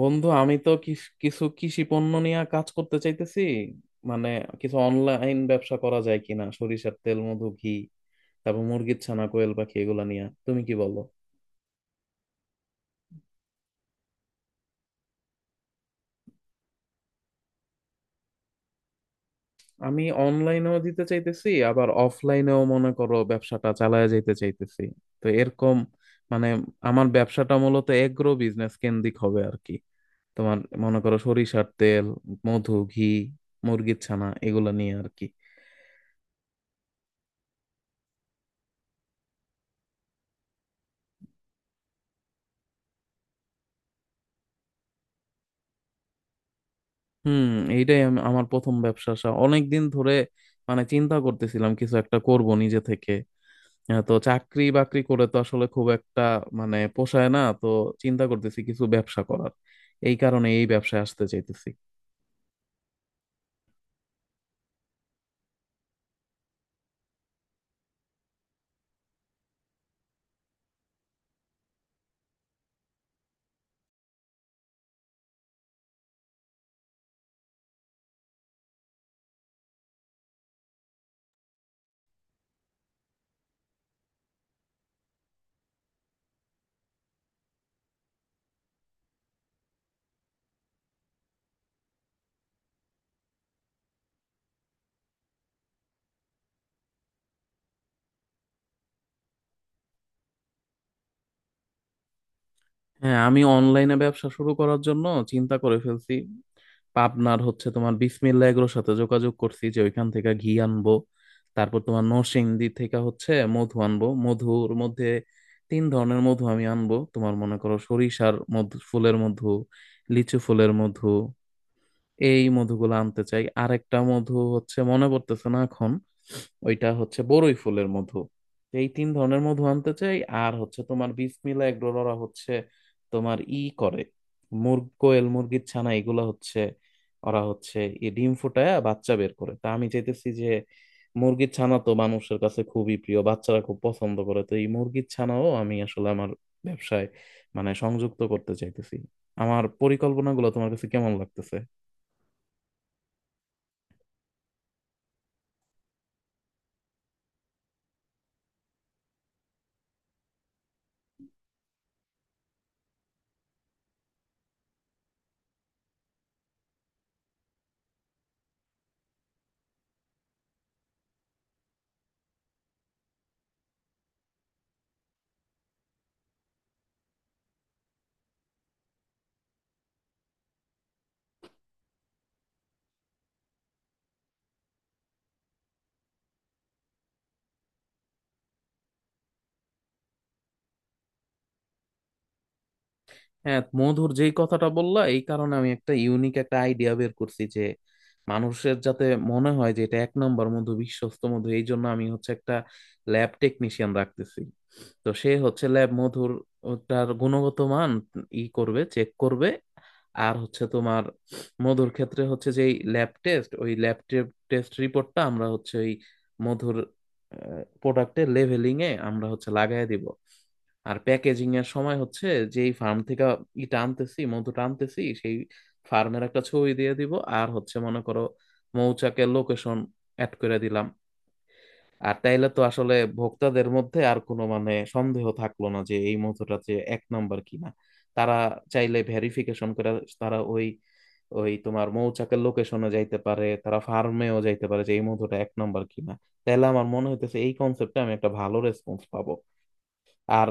বন্ধু আমি তো কিছু কৃষি পণ্য নিয়ে কাজ করতে চাইতেছি। মানে কিছু অনলাইন ব্যবসা করা যায় কিনা, সরিষার তেল, মধু, ঘি, তারপর মুরগির ছানা, কোয়েল পাখি এগুলা নিয়ে, তুমি কি বলো? আমি অনলাইনেও দিতে চাইতেছি, আবার অফলাইনেও মনে করো ব্যবসাটা চালায় যাইতে চাইতেছি। তো এরকম মানে আমার ব্যবসাটা মূলত এগ্রো বিজনেস কেন্দ্রিক হবে আর কি। তোমার মনে করো সরিষার তেল, মধু, ঘি, মুরগির ছানা এগুলা নিয়ে আর কি। হুম, এইটাই আমি আমার প্রথম ব্যবসা আসা। অনেক দিন ধরে মানে চিন্তা করতেছিলাম কিছু একটা করব নিজে থেকে। তো চাকরি বাকরি করে তো আসলে খুব একটা মানে পোষায় না তো। চিন্তা করতেছি কিছু ব্যবসা করার, এই কারণে এই ব্যবসায় আসতে চাইতেছি। হ্যাঁ, আমি অনলাইনে ব্যবসা শুরু করার জন্য চিন্তা করে ফেলছি। পাবনার হচ্ছে তোমার বিসমিল্লা এগুলোর সাথে যোগাযোগ করছি যে ওইখান থেকে ঘি আনবো। তারপর তোমার নরসিংদী থেকে হচ্ছে মধু আনবো। মধুর মধ্যে তিন ধরনের মধু আমি আনবো, তোমার মনে করো সরিষার মধু, ফুলের মধু, লিচু ফুলের মধু। এই মধুগুলো আনতে চাই। আরেকটা মধু হচ্ছে মনে পড়তেছে না এখন, ওইটা হচ্ছে বড়ই ফুলের মধু। তো এই তিন ধরনের মধু আনতে চাই। আর হচ্ছে তোমার বিসমিল্লা এগুলো, ওরা হচ্ছে তোমার ই করে মুরগ, কোয়েল, মুরগির ছানা এগুলো হচ্ছে, ওরা হচ্ছে এই ডিম ফুটায় বাচ্চা বের করে। তা আমি চাইতেছি যে মুরগির ছানা তো মানুষের কাছে খুবই প্রিয়, বাচ্চারা খুব পছন্দ করে, তো এই মুরগির ছানাও আমি আসলে আমার ব্যবসায় মানে সংযুক্ত করতে চাইতেছি। আমার পরিকল্পনাগুলো তোমার কাছে কেমন লাগতেছে? হ্যাঁ, মধুর যেই কথাটা বললা, এই কারণে আমি একটা ইউনিক একটা আইডিয়া বের করছি যে মানুষের যাতে মনে হয় যে এটা এক নম্বর মধু, বিশ্বস্ত মধু। এই জন্য আমি হচ্ছে একটা ল্যাব টেকনিশিয়ান রাখতেছি। তো সে হচ্ছে ল্যাব মধুর তার গুণগত মান ই করবে, চেক করবে। আর হচ্ছে তোমার মধুর ক্ষেত্রে হচ্ছে যে ল্যাব টেস্ট, ওই ল্যাব টেস্ট রিপোর্টটা আমরা হচ্ছে ওই মধুর প্রোডাক্টের লেভেলিং এ আমরা হচ্ছে লাগায় দিব। আর প্যাকেজিং এর সময় হচ্ছে যেই ফার্ম থেকে ইটা আনতেছি, মধুটা আনতেছি, সেই ফার্মের একটা ছবি দিয়ে দিব। আর হচ্ছে মনে করো মৌচাকের লোকেশন অ্যাড করে দিলাম। আর তাইলে তো আসলে ভোক্তাদের মধ্যে আর কোনো মানে সন্দেহ থাকলো না যে এই মধুটা যে এক নম্বর কিনা। তারা চাইলে ভেরিফিকেশন করে, তারা ওই ওই তোমার মৌচাকের লোকেশনে যাইতে পারে, তারা ফার্মেও যাইতে পারে যে এই মধুটা এক নম্বর কিনা। তাহলে আমার মনে হইতেছে এই কনসেপ্টে আমি একটা ভালো রেসপন্স পাবো। আর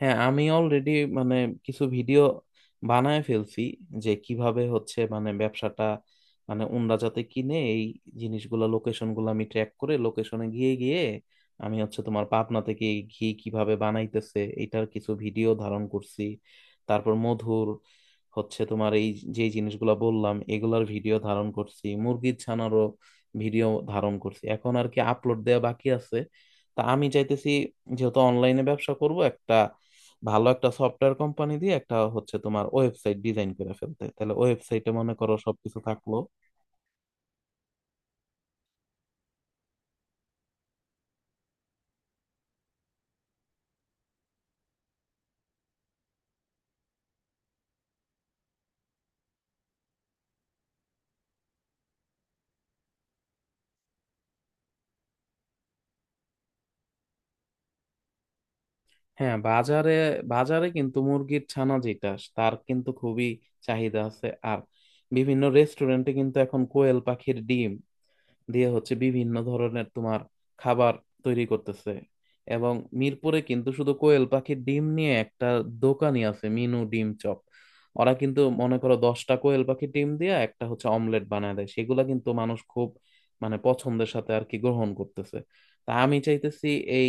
হ্যাঁ, আমি অলরেডি মানে কিছু ভিডিও বানায় ফেলছি যে কিভাবে হচ্ছে মানে ব্যবসাটা, মানে ওনরা যাতে কিনে এই জিনিসগুলা। লোকেশন গুলো আমি ট্র্যাক করে লোকেশনে গিয়ে গিয়ে আমি হচ্ছে তোমার পাবনা থেকে এই ঘি কিভাবে বানাইতেছে এটার কিছু ভিডিও ধারণ করছি। তারপর মধুর হচ্ছে তোমার এই যে জিনিসগুলো বললাম এগুলার ভিডিও ধারণ করছি, মুরগির ছানারও ভিডিও ধারণ করছি। এখন আর কি আপলোড দেওয়া বাকি আছে। তা আমি চাইতেছি যেহেতু অনলাইনে ব্যবসা করব, একটা ভালো একটা সফটওয়্যার কোম্পানি দিয়ে একটা হচ্ছে তোমার ওয়েবসাইট ডিজাইন করে ফেলতে, তাহলে ওয়েবসাইটে মনে করো সবকিছু থাকলো। হ্যাঁ, বাজারে বাজারে কিন্তু মুরগির ছানা যেটা, তার কিন্তু খুবই চাহিদা আছে। আর বিভিন্ন রেস্টুরেন্টে কিন্তু এখন কোয়েল পাখির ডিম দিয়ে হচ্ছে বিভিন্ন ধরনের তোমার খাবার তৈরি করতেছে। এবং মিরপুরে কিন্তু শুধু কোয়েল পাখির ডিম নিয়ে একটা দোকানই আছে, মিনু ডিম চপ। ওরা কিন্তু মনে করো 10টা কোয়েল পাখির ডিম দিয়ে একটা হচ্ছে অমলেট বানায় দেয়, সেগুলা কিন্তু মানুষ খুব মানে পছন্দের সাথে আর কি গ্রহণ করতেছে। তা আমি চাইতেছি এই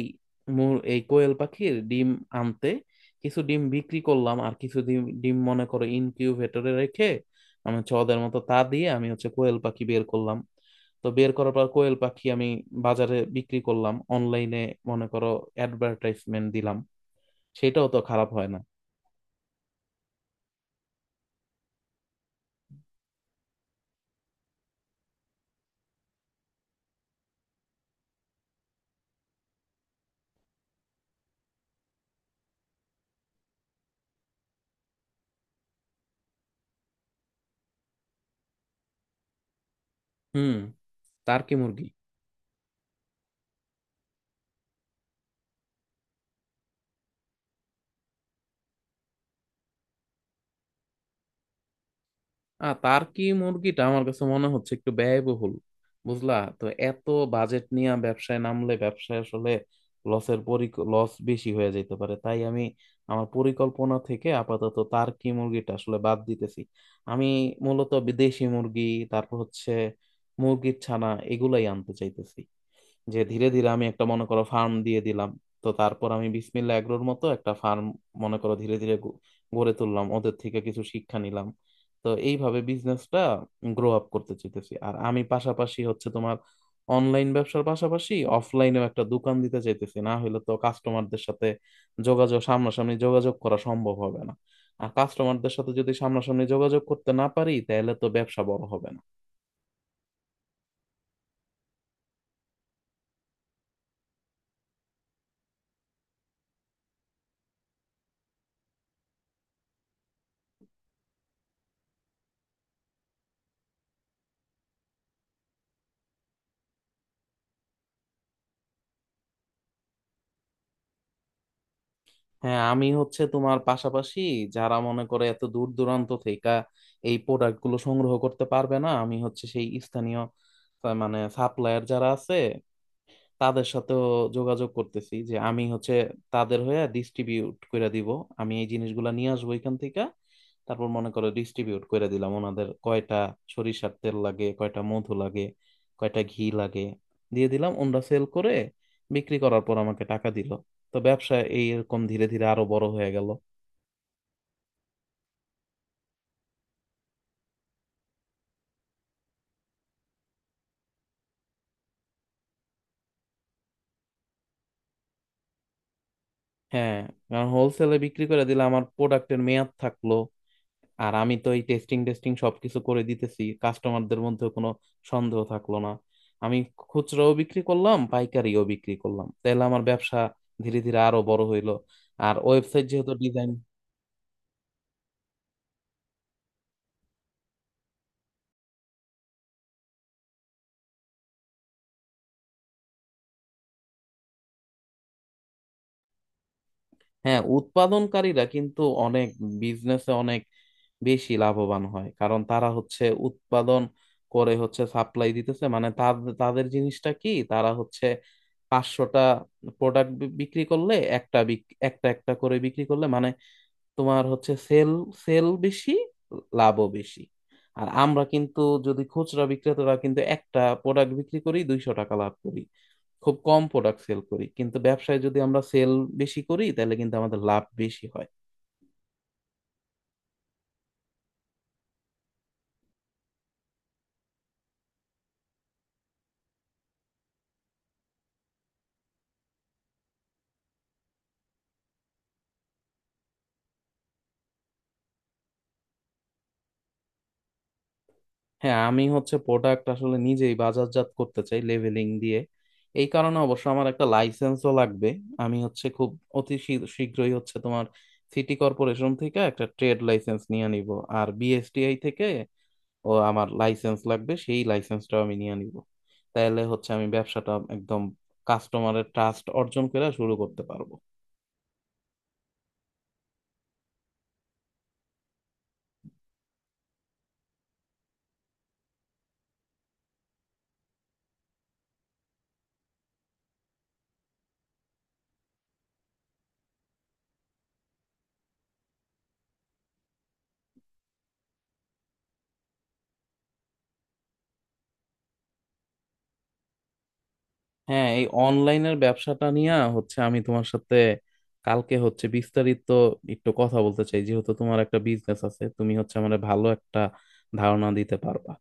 এই কোয়েল পাখির ডিম আনতে, কিছু ডিম বিক্রি করলাম আর কিছু ডিম ডিম মনে করো ইনকিউবেটরে রেখে আমি হচ্ছে ওদের মতো তা দিয়ে আমি হচ্ছে কোয়েল পাখি বের করলাম। তো বের করার পর কোয়েল পাখি আমি বাজারে বিক্রি করলাম, অনলাইনে মনে করো অ্যাডভার্টাইজমেন্ট দিলাম। সেটাও তো খারাপ হয় না। হুম, টার্কি মুরগি। আর টার্কি মুরগিটা আমার কাছে মনে হচ্ছে একটু ব্যয়বহুল, বুঝলা? তো এত বাজেট নিয়ে ব্যবসায় নামলে ব্যবসায় আসলে লসের পরি লস বেশি হয়ে যেতে পারে, তাই আমি আমার পরিকল্পনা থেকে আপাতত টার্কি মুরগিটা আসলে বাদ দিতেছি। আমি মূলত বিদেশি মুরগি, তারপর হচ্ছে মুরগির ছানা এগুলাই আনতে চাইতেছি। যে ধীরে ধীরে আমি একটা মনে করো ফার্ম দিয়ে দিলাম, তো তারপর আমি বিসমিল্লাহ এগ্রোর মতো একটা ফার্ম মনে করো ধীরে ধীরে গড়ে তুললাম, ওদের থেকে কিছু শিক্ষা নিলাম। তো এইভাবে বিজনেসটা গ্রো আপ করতে চাইতেছি। আর আমি পাশাপাশি হচ্ছে তোমার অনলাইন ব্যবসার পাশাপাশি অফলাইনেও একটা দোকান দিতে চাইতেছি, না হলে তো কাস্টমারদের সাথে যোগাযোগ, সামনাসামনি যোগাযোগ করা সম্ভব হবে না। আর কাস্টমারদের সাথে যদি সামনাসামনি যোগাযোগ করতে না পারি তাহলে তো ব্যবসা বড় হবে না। হ্যাঁ, আমি হচ্ছে তোমার পাশাপাশি যারা মনে করে এত দূর দূরান্ত থেকে এই প্রোডাক্ট গুলো সংগ্রহ করতে পারবে না, আমি হচ্ছে সেই স্থানীয় মানে সাপ্লায়ার যারা আছে তাদের সাথেও যোগাযোগ করতেছি যে আমি হচ্ছে তাদের হয়ে ডিস্ট্রিবিউট করে দিব। আমি এই জিনিসগুলো নিয়ে আসবো এখান থেকে, তারপর মনে করো ডিস্ট্রিবিউট করে দিলাম। ওনাদের কয়টা সরিষার তেল লাগে, কয়টা মধু লাগে, কয়টা ঘি লাগে, দিয়ে দিলাম, ওনারা সেল করে, বিক্রি করার পর আমাকে টাকা দিল। তো ব্যবসা এই এরকম ধীরে ধীরে আরো বড় হয়ে গেল। হ্যাঁ, কারণ হোলসেলে বিক্রি করে দিলে আমার প্রোডাক্টের মেয়াদ থাকলো, আর আমি তো এই টেস্টিং টেস্টিং সবকিছু করে দিতেছি, কাস্টমারদের মধ্যে কোনো সন্দেহ থাকলো না। আমি খুচরাও বিক্রি করলাম, পাইকারিও বিক্রি করলাম, তাহলে আমার ব্যবসা ধীরে ধীরে আরো বড় হইলো। আর ওয়েবসাইট যেহেতু ডিজাইন। হ্যাঁ, উৎপাদনকারীরা কিন্তু অনেক বিজনেসে অনেক বেশি লাভবান হয়, কারণ তারা হচ্ছে উৎপাদন করে হচ্ছে সাপ্লাই দিতেছে। মানে তাদের তাদের জিনিসটা কি, তারা হচ্ছে 500টা প্রোডাক্ট বিক্রি করলে, একটা একটা করে বিক্রি করলে মানে, তোমার হচ্ছে সেল সেল বেশি, লাভও বেশি। আর আমরা কিন্তু যদি, খুচরা বিক্রেতারা কিন্তু একটা প্রোডাক্ট বিক্রি করি 200 টাকা লাভ করি, খুব কম প্রোডাক্ট সেল করি, কিন্তু ব্যবসায় যদি আমরা সেল বেশি করি তাহলে কিন্তু আমাদের লাভ বেশি হয়। হ্যাঁ, আমি হচ্ছে প্রোডাক্ট আসলে নিজেই বাজারজাত করতে চাই, লেভেলিং দিয়ে। এই কারণে অবশ্য আমার একটা লাইসেন্সও লাগবে। আমি হচ্ছে খুব অতি শীঘ্রই হচ্ছে তোমার সিটি কর্পোরেশন থেকে একটা ট্রেড লাইসেন্স নিয়ে নিব। আর বিএসটিআই থেকে ও আমার লাইসেন্স লাগবে, সেই লাইসেন্সটাও আমি নিয়ে নিব। তাহলে হচ্ছে আমি ব্যবসাটা একদম কাস্টমারের ট্রাস্ট অর্জন করে শুরু করতে পারবো। হ্যাঁ, এই অনলাইনের ব্যবসাটা নিয়ে হচ্ছে আমি তোমার সাথে কালকে হচ্ছে বিস্তারিত একটু কথা বলতে চাই, যেহেতু তোমার একটা বিজনেস আছে তুমি হচ্ছে আমার ভালো একটা ধারণা দিতে পারবা।